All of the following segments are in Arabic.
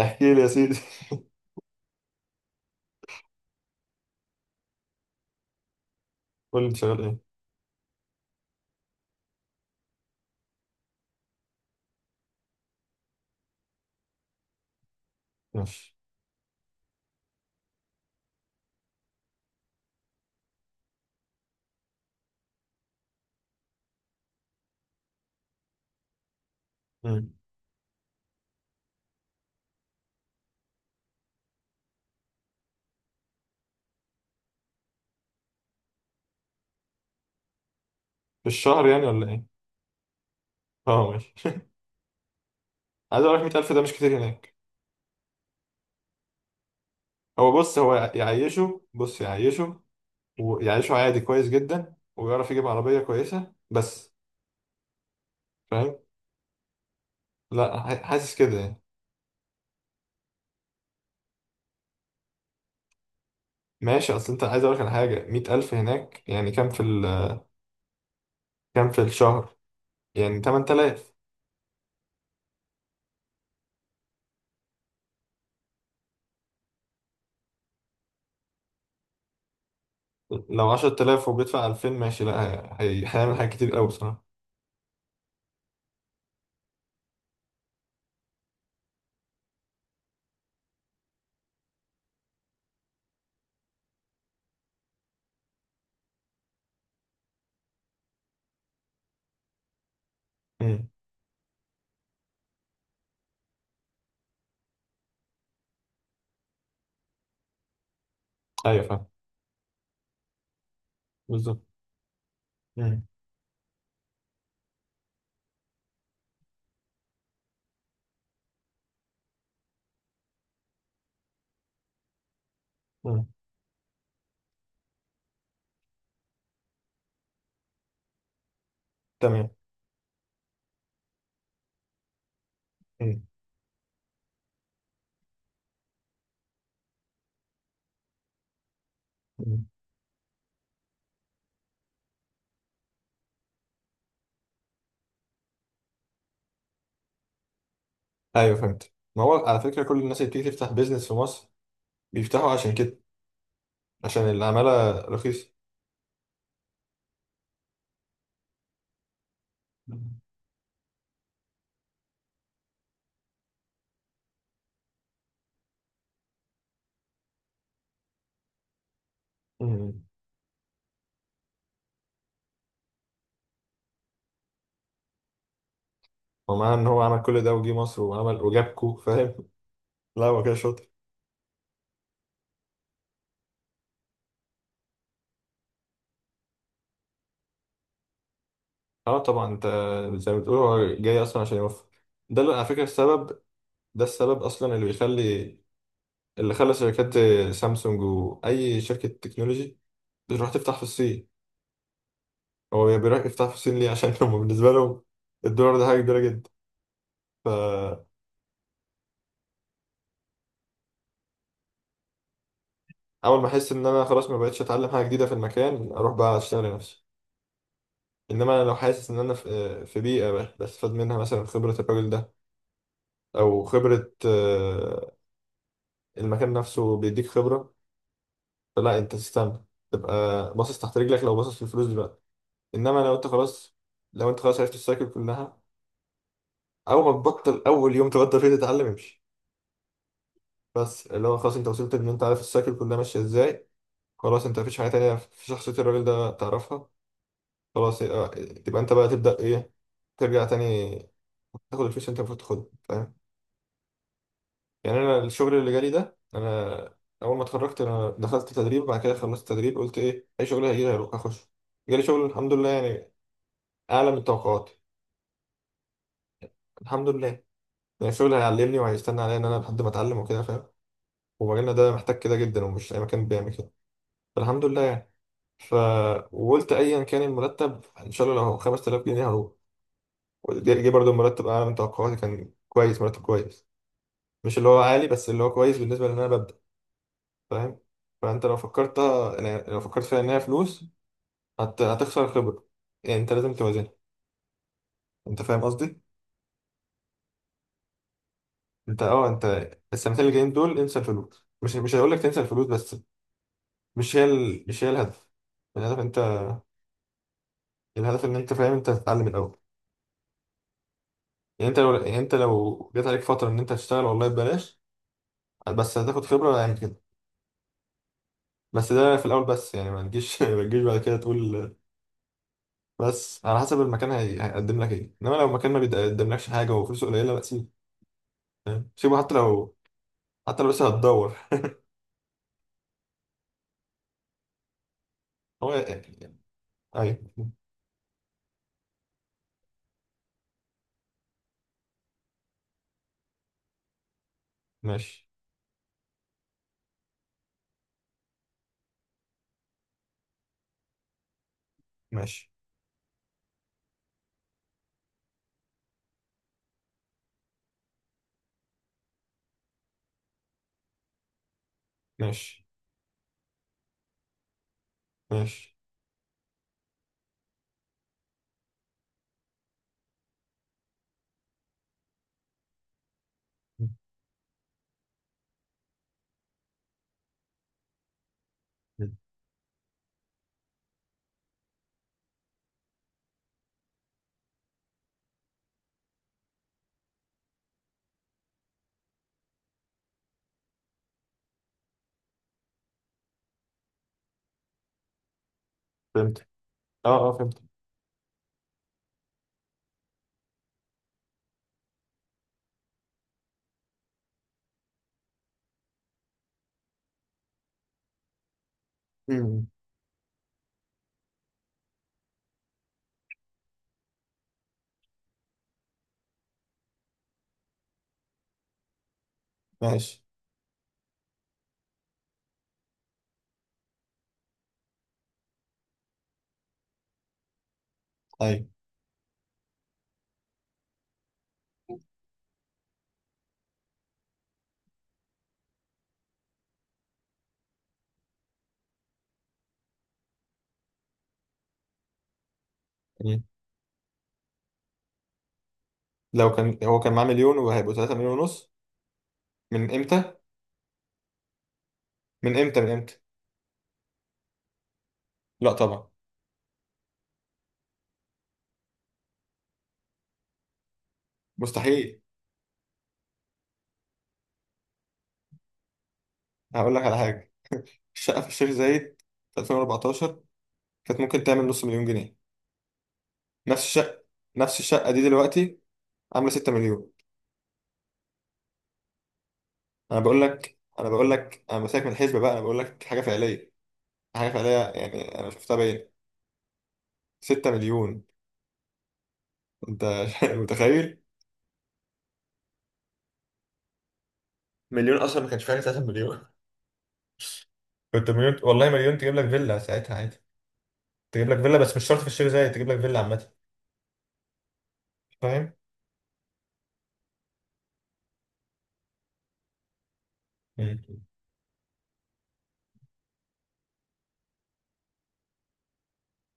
احكي لي يا سيدي. قول لي انت شغال ايه. ماشي. مم. في الشهر يعني ولا ايه؟ اه، ماشي. عايز اقول لك 100,000 ده مش كتير هناك. هو بص، هو يعيشه، بص يعيشه، ويعيشه عادي كويس جدا، ويعرف يجيب عربية كويسة، بس فاهم. لا، حاسس كده يعني. ماشي. اصل انت عايز اقول لك على حاجة، 100,000 هناك يعني كام في ال، كام في الشهر؟ يعني 8,000. لو 10,000 وبيدفع 2,000، ماشي. لا، هيعمل حاجات كتير قوي بصراحة. مم. ايوه فاهم. بالظبط. مم. مم. تمام. مم. ايوه فهمت. ما هو على فكره كل الناس اللي بتيجي تفتح بيزنس في مصر بيفتحوا عشان كده، عشان العماله رخيصه. امم. ومعنى ان هو عمل كل ده وجي مصر وعمل وجابكو فاهم. لا هو كده شاطر. اه طبعا. انت زي ما بتقول، هو جاي اصلا عشان يوفر، ده اللي على فكره السبب، ده السبب اصلا اللي بيخلي، اللي خلى شركات زي سامسونج واي شركه تكنولوجي بتروح تفتح في الصين. هو بيروح يفتح في الصين ليه؟ عشان هم بالنسبه لهم الدولار ده حاجه كبيره جدا. اول ما احس ان انا خلاص ما بقتش اتعلم حاجه جديده في المكان، اروح بقى اشتغل لنفسي. انما انا لو حاسس ان انا في بيئه بستفاد منها، مثلا خبره الراجل ده، او خبره المكان نفسه بيديك خبره، فلا، انت تستنى، تبقى باصص تحت رجلك. لو باصص في الفلوس دلوقتي، انما لو انت خلاص، لو انت خلاص عرفت السايكل كلها، اول ما تبطل، اول يوم تبطل فيه تتعلم امشي. بس اللي هو خلاص، انت وصلت ان انت عارف السايكل كلها ماشيه ازاي، خلاص انت مفيش حاجه تانية في شخصيه الراجل ده تعرفها، خلاص، تبقى انت بقى تبدأ ايه، ترجع تاني تاخد الفلوس اللي انت المفروض تاخدها، فاهم؟ يعني انا الشغل اللي جالي ده، انا اول ما اتخرجت انا دخلت تدريب، بعد كده خلصت تدريب، قلت ايه اي شغل هيجي لي هروح اخش. جالي شغل الحمد لله، يعني اعلى من توقعاتي. الحمد لله. يعني الشغل هيعلمني وهيستنى عليا، ان انا لحد ما اتعلم وكده فاهم. ومجالنا ده محتاج كده جدا، ومش اي مكان بيعمل كده، فالحمد لله يعني. ف وقلت ايا كان المرتب ان شاء الله، لو 5,000 جنيه هروح. جه برضه المرتب اعلى من توقعاتي، كان كويس، مرتب كويس، مش اللي هو عالي بس اللي هو كويس، بالنسبة لان انا ببدأ، فاهم. فانت لو فكرت، يعني لو فكرت فيها ان هي فلوس، هتخسر خبرة. يعني انت لازم توازنها، انت فاهم قصدي. انت اه، انت السنتين اللي جايين دول انسى الفلوس. مش هقول لك تنسى الفلوس، بس مش هي الهدف. الهدف انت، الهدف ان انت فاهم، انت تتعلم الاول. يعني انت لو جات عليك فترة ان انت هتشتغل والله ببلاش، بس هتاخد خبرة، يعني كده. بس ده في الاول بس، يعني ما تجيش ما تجيش بعد كده تقول. بس على حسب المكان هيقدم لك ايه. انما لو المكان ما بيقدملكش حاجه وفلوسه قليله، لا سيبه، فاهم؟ سيبه، حتى لو، حتى لو لسه هتدور. هو يعني-. ايوه. ماشي. ماشي. ماشي. ماشي. فهمت. اه اه فهمت. مم. ماشي. ايوه. مم. لو كان هو كان معاه مليون وهيبقوا 3 مليون ونص. من امتى؟ من امتى؟ من امتى؟ لا طبعا. مستحيل. هقول لك على حاجه. الشقه في الشيخ زايد في 2014 كانت ممكن تعمل نص مليون جنيه. نفس الشقه، نفس الشقه دي دلوقتي عامله 6 مليون. انا بقول لك، انا بقول لك، انا بسالك من الحسبه بقى، انا بقول لك حاجه فعليه، حاجه فعليه، يعني انا شفتها بعيني. 6 مليون. انت متخيل؟ مليون اصلا ما كانش فيها 3 مليون. كنت مليون، والله مليون تجيب لك فيلا ساعتها عادي. تجيب لك فيلا، بس مش شرط في الشيخ زايد، تجيب لك فيلا عامه، فاهم. مم.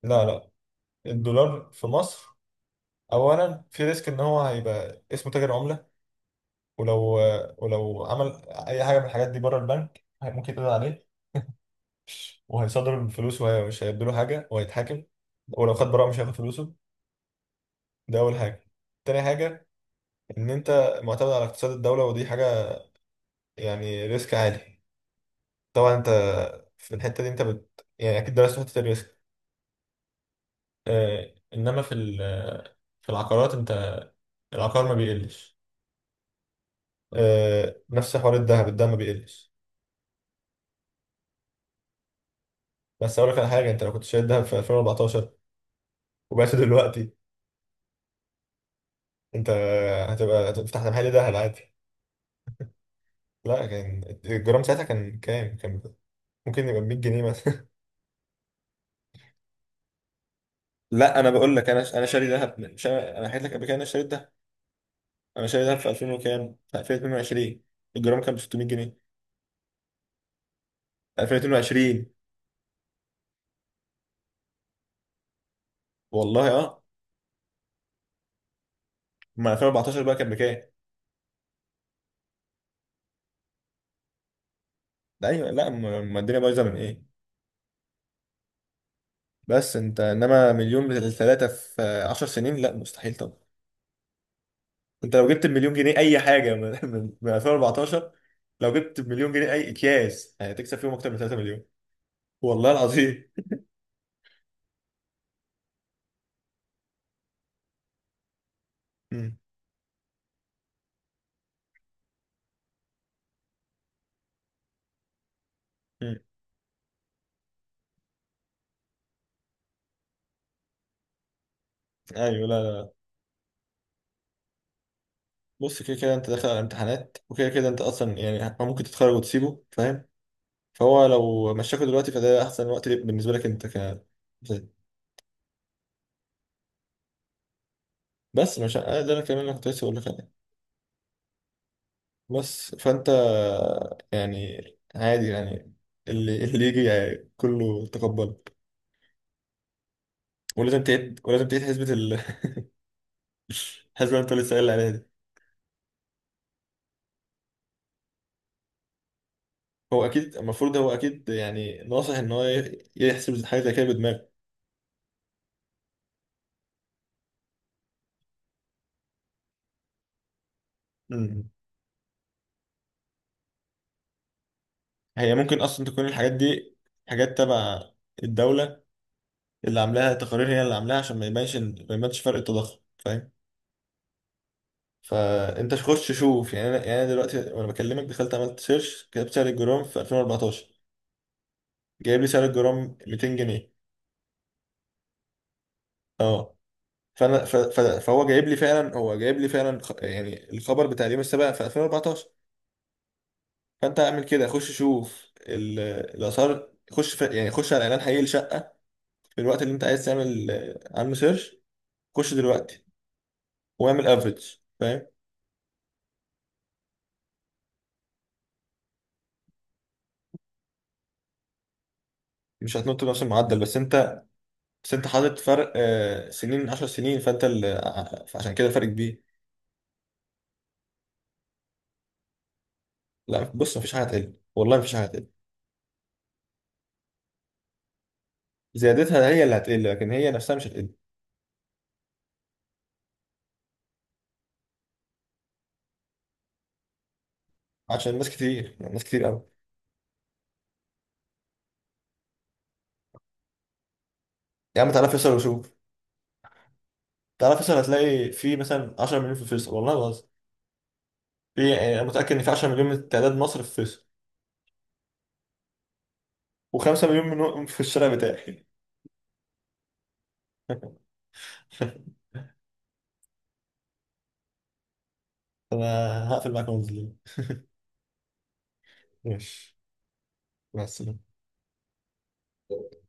لا لا. الدولار في مصر، اولا في ريسك ان هو هيبقى اسمه تاجر عمله، ولو، ولو عمل اي حاجه من الحاجات دي بره البنك، ممكن يتقضي عليه، وهيصدر الفلوس ومش هيدوا له حاجه، وهيتحاكم. ولو خد براءه مش هياخد فلوسه. ده اول حاجه. تاني حاجه، ان انت معتمد على اقتصاد الدوله، ودي حاجه يعني ريسك عالي. طبعا انت في الحته دي انت يعني اكيد درست حته الريسك. آه، انما في العقارات، انت العقار ما بيقلش، آه، نفس حوار الذهب، الذهب ما بيقلش. بس اقول لك على حاجه، انت لو كنت شاري الذهب في 2014 وبعته دلوقتي، انت هتبقى هتفتح محل ذهب عادي. لا كان الجرام ساعتها كان كام؟ كان ممكن يبقى 100 جنيه مثلا. لا انا بقول لك، انا شاري ذهب انا حكيت لك قبل كده إن انا شاري ذهب. انا شاري ذهب في 2000 وكام، في 2022، الجرام كان ب 600 جنيه، في 2022. والله اه. ما 2014 بقى كان بكام. ده ايوه، لا ما الدنيا بايظه من ايه، بس انت انما مليون ثلاثه في 10 سنين؟ لا مستحيل طبعا. انت لو جبت المليون جنيه اي حاجه من 2014. لو جبت مليون جنيه اي اكياس، هتكسب فيهم اكتر من 3 مليون، والله العظيم. مم. ايوه. لا لا. بص، كده كده انت داخل على امتحانات، وكده كده انت اصلا يعني ممكن تتخرج وتسيبه، فاهم. فهو لو مشاكل دلوقتي، فده احسن وقت ليك، بالنسبه لك انت ك. بس مش أنا ده، انا كمان اللي كنت لسه بقول لك عليه. بس فانت يعني عادي يعني، اللي اللي يجي يعني كله تقبله. ولازم تعيد، ولازم تعيد الحسبه اللي انت لسه قايل عليها دي. هو اكيد المفروض، هو اكيد يعني ناصح ان هو يحسب حاجه زي كده بدماغه. هي ممكن اصلا تكون الحاجات دي حاجات تبع الدوله اللي عاملاها تقارير، هي اللي عاملاها عشان ما يبانش فرق التضخم، فاهم. فانت خش شوف. يعني انا، يعني أنا دلوقتي وانا بكلمك، دخلت عملت سيرش، كتبت سعر الجرام في 2014. جايب لي سعر الجرام 200 جنيه. اه. فانا فهو جايب لي فعلا، هو جايب لي فعلا يعني الخبر بتاع اليوم السابع في 2014. فانت اعمل كده، خش شوف ال... الاسعار. يعني خش على اعلان حقيقي لشقه في الوقت اللي انت عايز تعمل عنه سيرش. خش دلوقتي واعمل افريج، فاهم. مش هتنط بنفس المعدل، بس انت، بس انت حاطط فرق سنين، 10 سنين، فانت فعشان كده فرق كبير. لا بص، مفيش حاجه هتقل، والله مفيش حاجه هتقل. زيادتها هي اللي هتقل، لكن هي نفسها مش هتقل. عشان ناس كتير، يعني ناس كتير قوي. يا عم تعالى فيصل وشوف. تعالى فيصل، هتلاقي في مثلا 10 مليون في فيصل، والله ما بهزر. في، يعني انا متاكد ان في 10 مليون من تعداد مصر في فيصل، و5 مليون منهم في الشارع بتاعي. انا هقفل معاك وانزل. ماشي. مع السلامه.